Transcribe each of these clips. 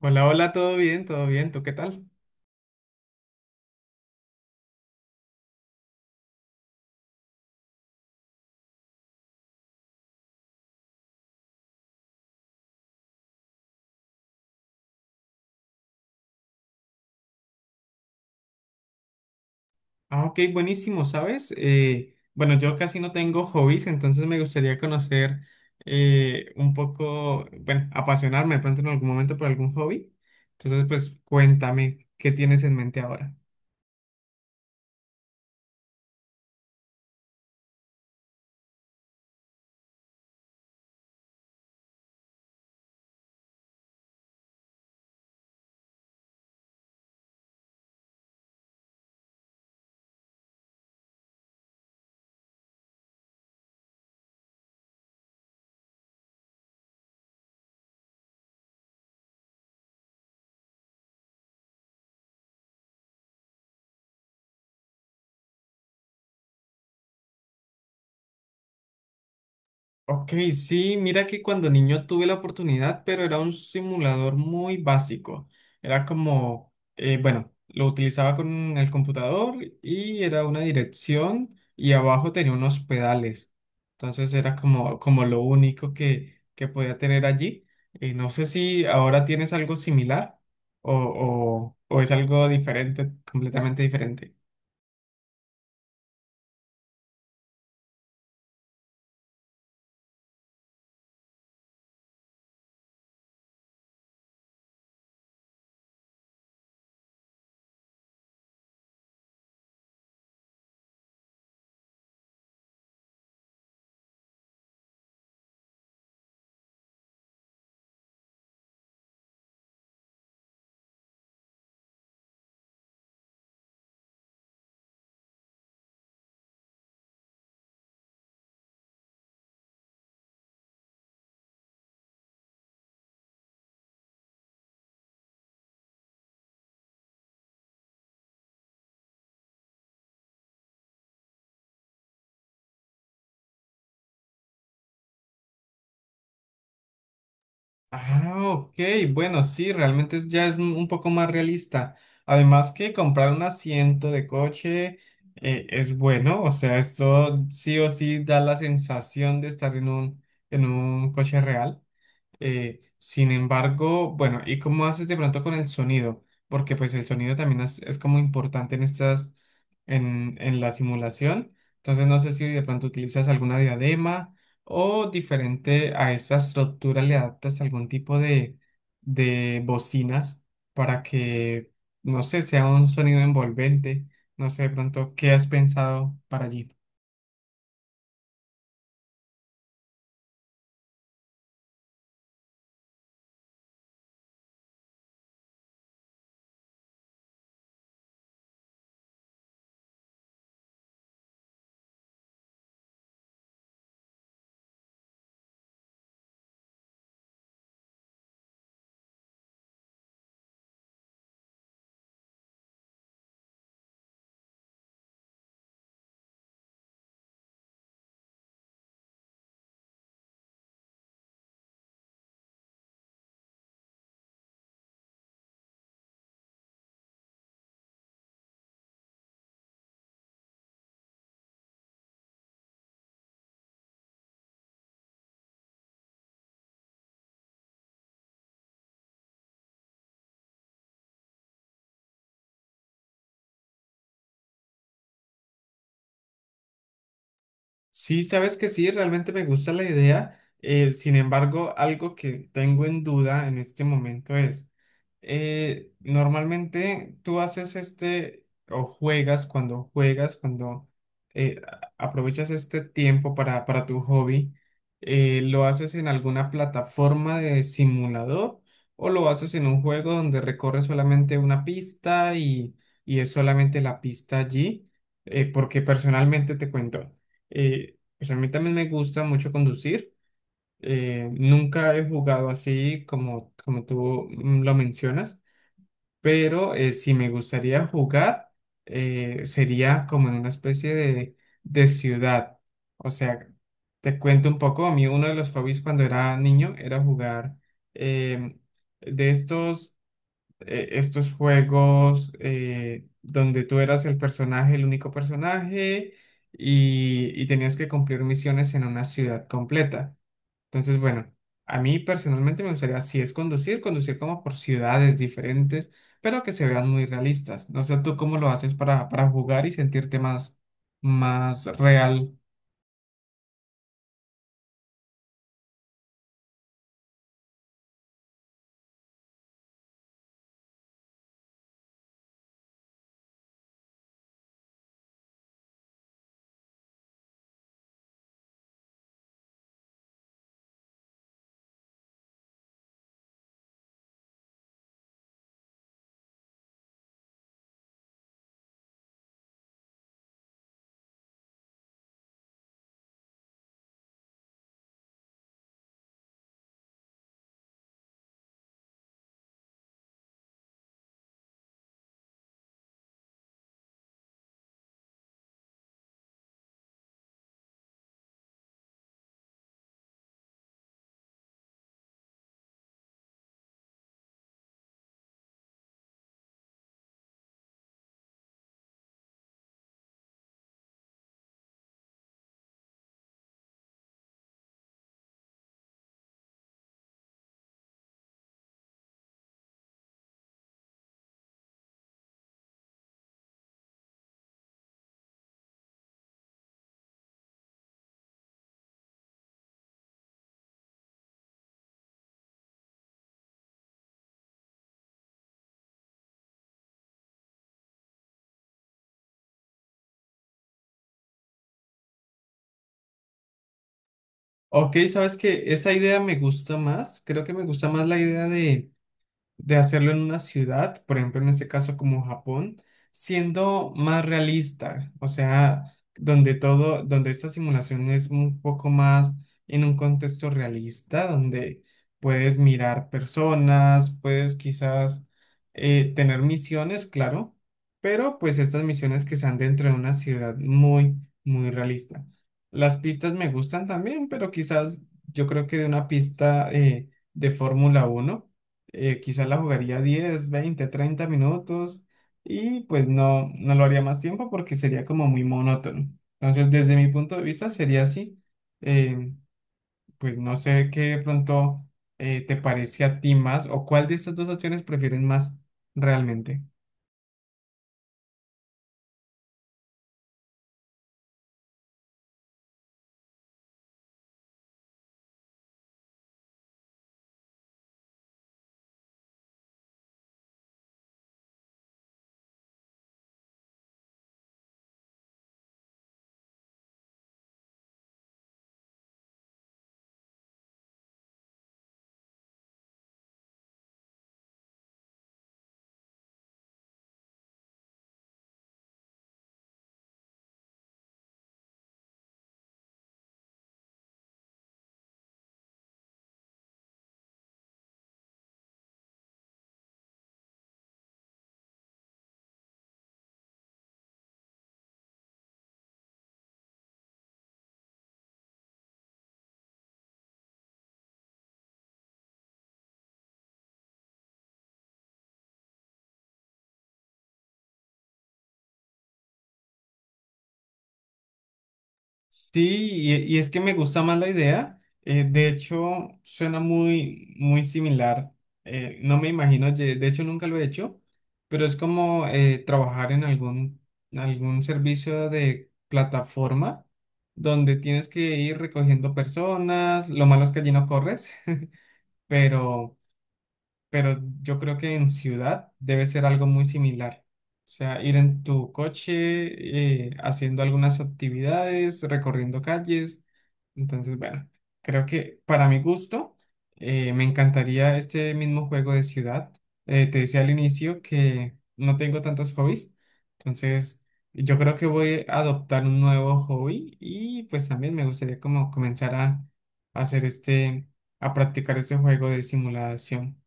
Hola, hola, todo bien, ¿tú qué tal? Ah, ok, buenísimo, ¿sabes? Bueno, yo casi no tengo hobbies, entonces me gustaría conocer un poco, bueno, apasionarme de pronto en algún momento por algún hobby. Entonces, pues cuéntame, ¿qué tienes en mente ahora? Ok, sí, mira que cuando niño tuve la oportunidad, pero era un simulador muy básico. Era como, bueno, lo utilizaba con el computador y era una dirección y abajo tenía unos pedales. Entonces era como, como lo único que podía tener allí. No sé si ahora tienes algo similar o, o es algo diferente, completamente diferente. Ah, ok, bueno, sí, realmente es- ya es un poco más realista. Además que comprar un asiento de coche es bueno, o sea, esto sí o sí da la sensación de estar en un coche real. Sin embargo, bueno, ¿y cómo haces de pronto con el sonido? Porque pues el sonido también es como importante en estas, en la simulación. Entonces no sé si de pronto utilizas alguna diadema o diferente a esa estructura le adaptas algún tipo de bocinas para que, no sé, sea un sonido envolvente. No sé de pronto qué has pensado para allí. Sí, sabes que sí, realmente me gusta la idea. Sin embargo, algo que tengo en duda en este momento es, normalmente tú haces este o juegas, cuando aprovechas este tiempo para tu hobby, ¿lo haces en alguna plataforma de simulador o lo haces en un juego donde recorres solamente una pista y es solamente la pista allí? Porque personalmente te cuento. Pues a mí también me gusta mucho conducir. Nunca he jugado así como, como tú lo mencionas, pero si me gustaría jugar, sería como en una especie de ciudad. O sea, te cuento un poco, a mí uno de los hobbies cuando era niño era jugar eh, de estos estos juegos donde tú eras el personaje, el único personaje, y tenías que cumplir misiones en una ciudad completa. Entonces, bueno, a mí personalmente me gustaría, si es conducir, conducir como por ciudades diferentes, pero que se vean muy realistas. No sé tú cómo lo haces para jugar y sentirte más, más real. Ok, sabes que esa idea me gusta más. Creo que me gusta más la idea de hacerlo en una ciudad, por ejemplo, en este caso como Japón, siendo más realista, o sea, donde todo, donde esta simulación es un poco más en un contexto realista, donde puedes mirar personas, puedes quizás tener misiones, claro, pero pues estas misiones que sean dentro de una ciudad muy, muy realista. Las pistas me gustan también, pero quizás yo creo que de una pista de Fórmula 1 quizás la jugaría 10, 20, 30 minutos y pues no, no lo haría más tiempo porque sería como muy monótono. Entonces, desde mi punto de vista sería así. Eh, pues no sé qué de pronto te parece a ti más o cuál de estas dos opciones prefieres más realmente. Sí, y es que me gusta más la idea. De hecho, suena muy, muy similar. No me imagino, ye- de hecho nunca lo he hecho, pero es como trabajar en algún, algún servicio de plataforma donde tienes que ir recogiendo personas. Lo malo es que allí no corres, pero pero yo creo que en ciudad debe ser algo muy similar. O sea, ir en tu coche, haciendo algunas actividades, recorriendo calles. Entonces, bueno, creo que para mi gusto, me encantaría este mismo juego de ciudad. Te decía al inicio que no tengo tantos hobbies, entonces yo creo que voy a adoptar un nuevo hobby y pues también me gustaría como comenzar a hacer este, a practicar este juego de simulación.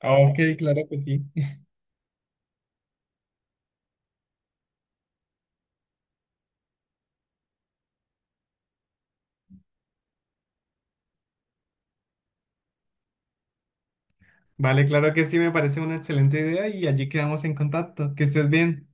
Ah, Ok, claro que sí. Vale, claro que sí, me parece una excelente idea y allí quedamos en contacto. Que estés bien.